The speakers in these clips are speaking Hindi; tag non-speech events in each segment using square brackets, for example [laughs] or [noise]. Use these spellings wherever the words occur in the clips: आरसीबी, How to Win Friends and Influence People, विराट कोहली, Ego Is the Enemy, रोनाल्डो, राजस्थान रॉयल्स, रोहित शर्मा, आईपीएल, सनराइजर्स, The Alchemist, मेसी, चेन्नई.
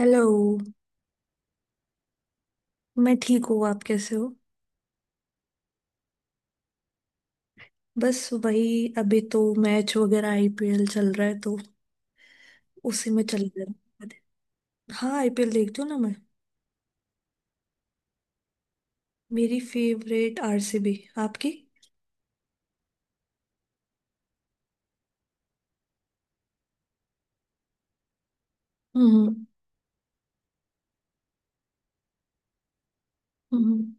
हेलो। मैं ठीक हूँ, आप कैसे हो? बस वही। अभी तो मैच वगैरह, आईपीएल चल रहा है तो उसी में चल रहा है। हाँ, आईपीएल देखती हूँ ना मैं। मेरी फेवरेट आरसीबी। आपकी? हम्म। हम्म।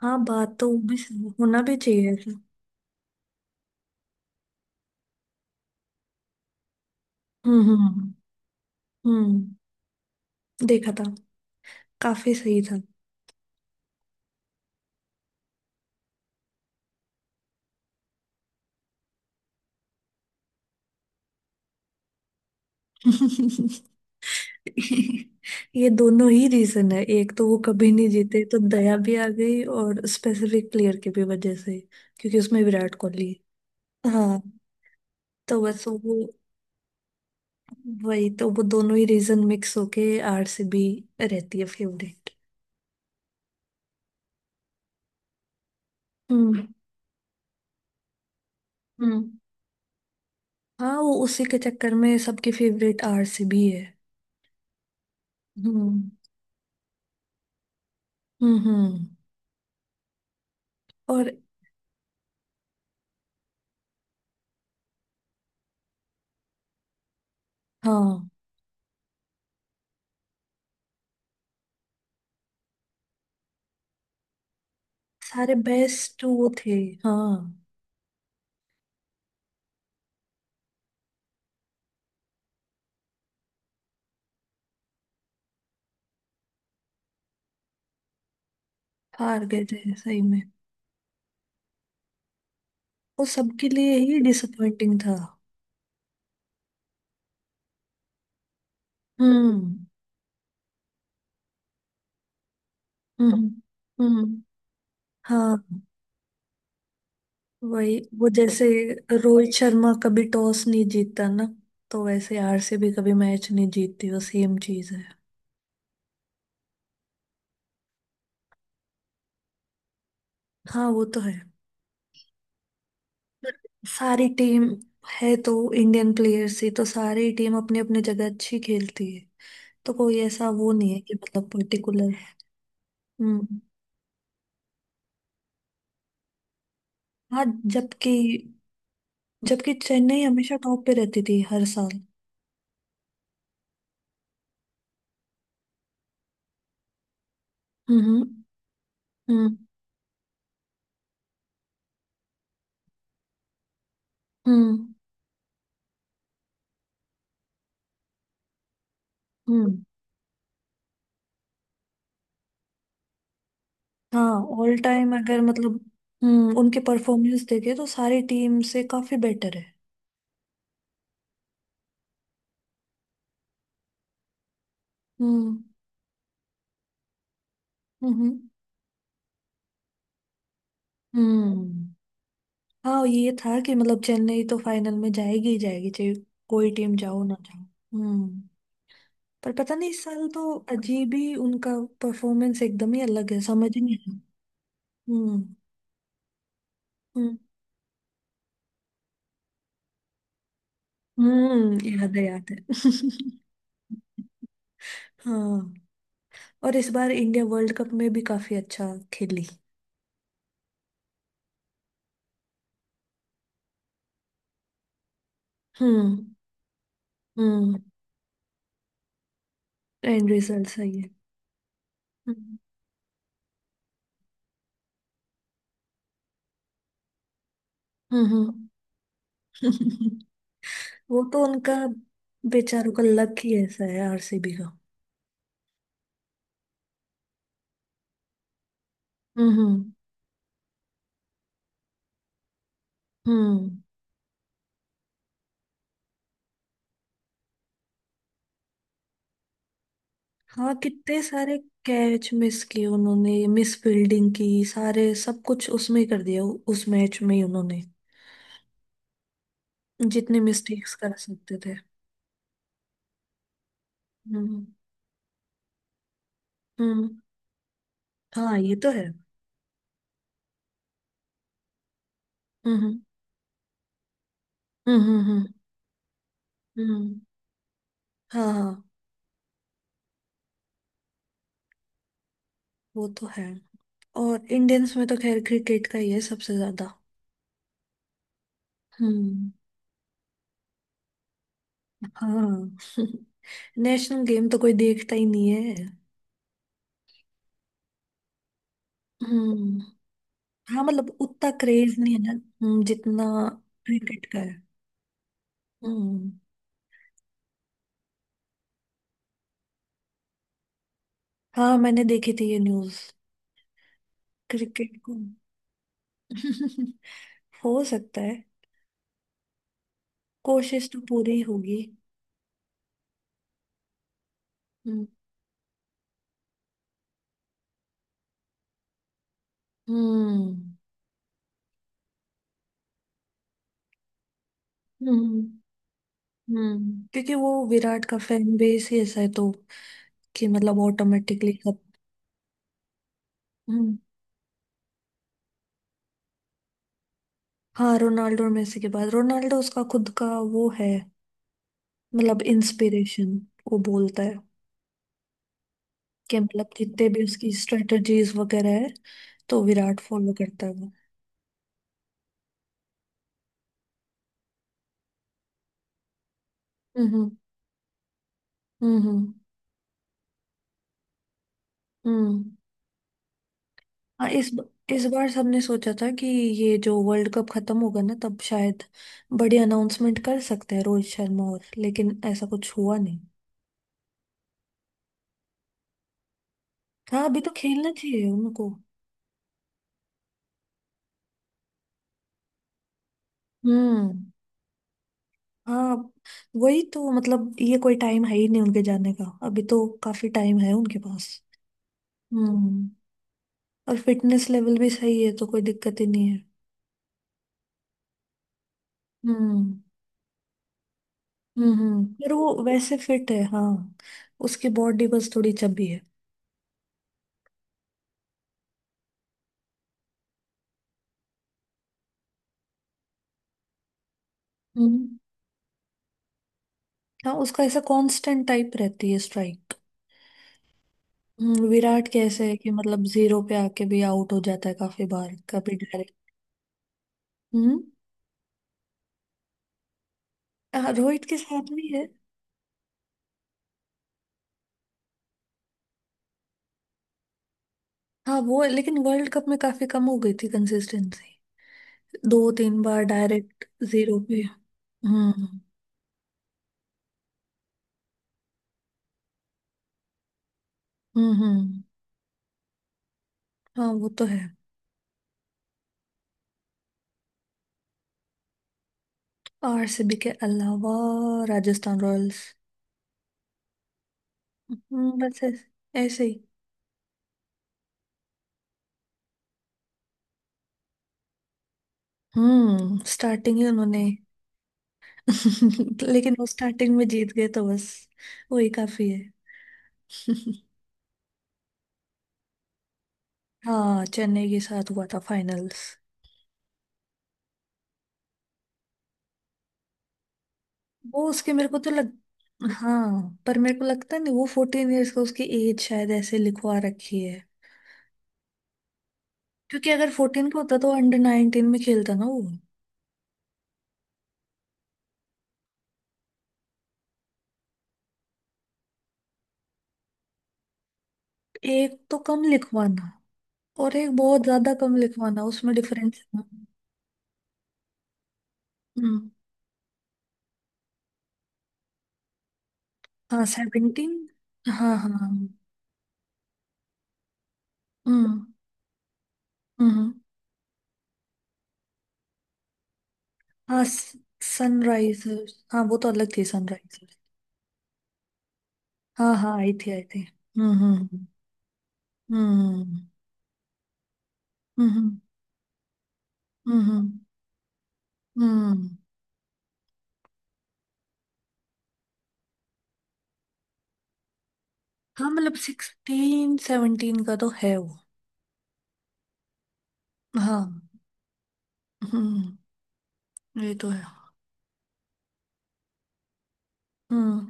हाँ, बात तो भी होना भी चाहिए ऐसा। हम्म। हम्म। हम्म। देखा था। काफी सही था। [laughs] ये दोनों ही रीजन है, एक तो वो कभी नहीं जीते तो दया भी आ गई, और स्पेसिफिक प्लेयर की भी वजह से, क्योंकि उसमें विराट कोहली। हाँ। तो बस वो। वही तो, वो दोनों ही रीजन मिक्स होके आरसीबी रहती है फेवरेट। हम्म। हम्म। हाँ, वो उसी के चक्कर में सबकी फेवरेट आरसीबी है। हम्म। हम्म। हम्म। और हाँ, सारे बेस्ट वो थे। हाँ, हार गए थे सही में। वो सबके लिए ही डिसअपॉइंटिंग था। हम्म। हम्म। हम्म, हाँ। वही वो, जैसे रोहित शर्मा कभी टॉस नहीं जीतता ना, तो वैसे आरसीबी कभी मैच नहीं जीतती, वो सेम चीज है। हाँ वो तो है। सारी टीम है तो इंडियन प्लेयर्स ही, तो सारी टीम अपनी अपनी जगह अच्छी खेलती है, तो कोई ऐसा वो नहीं है कि मतलब पर्टिकुलर। हम्म। हाँ। जबकि जबकि चेन्नई हमेशा टॉप पे रहती थी हर साल। हम्म। हम्म। हम्म। हम्म। हाँ, ऑल टाइम अगर मतलब, उनके परफॉर्मेंस देखे तो सारी टीम से काफी बेटर है। हम्म। हम्म। हम्म। हाँ, ये था कि मतलब चेन्नई तो फाइनल में जाएगी ही जाएगी, चाहे कोई टीम जाओ ना जाओ। हम्म। पर पता नहीं, इस साल तो अजीब ही उनका परफॉर्मेंस एकदम ही अलग है, समझ ही नहीं आया। हम्म। हम्म। हम्म, याद है याद है। [laughs] हाँ। और इस बार इंडिया वर्ल्ड कप में भी काफी अच्छा खेली। हम्म। हम्म। एंड रिजल्ट सही है। हम्म। हम्म। [laughs] वो तो उनका, बेचारों का लक ही ऐसा है आरसीबी का। हम्म। हम्म। हाँ कितने सारे कैच मिस किए उन्होंने, मिस फील्डिंग की, सारे सब कुछ उसमें ही कर दिया, उस मैच में ही उन्होंने जितने मिस्टेक्स कर सकते थे। हम्म। हम्म। हाँ, ये तो है। हम्म। हम्म। हम्म, हाँ। हाँ वो तो है। और इंडियंस में तो खैर क्रिकेट का ही है सबसे ज्यादा। हम्म। हाँ। [laughs] नेशनल गेम तो कोई देखता ही नहीं है। हम्म। हाँ मतलब उतना क्रेज नहीं है ना, जितना क्रिकेट का है। हम्म। हाँ, मैंने देखी थी ये न्यूज, क्रिकेट को। [laughs] हो सकता है, कोशिश तो पूरी होगी। हम्म। हम्म। हम्म। हम्म। क्योंकि वो विराट का फैन बेस ही ऐसा है, तो कि मतलब ऑटोमेटिकली सब। हम्म। हाँ, रोनाल्डो और मेसी के बाद। रोनाल्डो उसका खुद का वो है, मतलब इंस्पिरेशन। वो बोलता है कि मतलब जितने भी उसकी स्ट्रेटजीज वगैरह है, तो विराट फॉलो करता है वो। हम्म। हम्म। हम्म। हाँ, इस बार सबने सोचा था कि ये जो वर्ल्ड कप खत्म होगा ना तब शायद बड़ी अनाउंसमेंट कर सकते हैं रोहित शर्मा, और लेकिन ऐसा कुछ हुआ नहीं। हाँ, अभी तो खेलना चाहिए उनको। हम्म। हाँ, वही तो, मतलब ये कोई टाइम है ही नहीं उनके जाने का, अभी तो काफी टाइम है उनके पास। हम्म। और फिटनेस लेवल भी सही है तो कोई दिक्कत ही नहीं है। हम्म। हम्म। हम्म, यार वो वैसे फिट है हाँ, उसकी बॉडी बस थोड़ी चबी है। हम्म। हाँ, उसका ऐसा कांस्टेंट टाइप रहती है स्ट्राइक। विराट कैसे है कि मतलब जीरो पे आके भी आउट हो जाता है काफी बार, कभी डायरेक्ट। हम्म। हाँ, रोहित के साथ भी है। हाँ वो है, लेकिन वर्ल्ड कप में काफी कम हो गई थी कंसिस्टेंसी, 2-3 बार डायरेक्ट जीरो पे। हम्म। हम्म। हाँ वो तो है। आरसीबी के अलावा राजस्थान रॉयल्स। बस ऐसे। ऐसे ही। स्टार्टिंग ही उन्होंने। [laughs] लेकिन वो स्टार्टिंग में जीत गए तो बस वही काफी है। [laughs] हाँ, चेन्नई के साथ हुआ था फाइनल्स। वो उसके मेरे को तो लग, हाँ पर मेरे को लगता नहीं वो 14 इयर्स का, उसकी एज शायद ऐसे लिखवा रखी है, क्योंकि अगर 14 का होता तो अंडर 19 में खेलता ना वो। एक तो कम लिखवाना, और एक बहुत ज्यादा कम लिखवाना, उसमें डिफरेंस। हम्म। हाँ, 17। हाँ हाँ हाँ। हम्म। हम्म। हाँ सनराइजर्स, हाँ वो तो अलग थी सनराइजर्स। हाँ हाँ आई थी आई थी। हम्म। हम्म। हम्म। हम्म। हम्म। हम्म। हम्म, हम्म। हाँ, मतलब 16-17 का तो है वो। हाँ। हम्म। ये तो है। हम्म।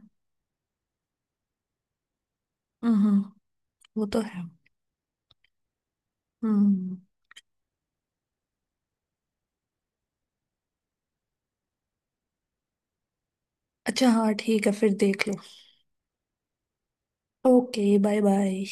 हम्म। वो तो है। हम्म। अच्छा हाँ ठीक है फिर देख लो। Okay bye bye.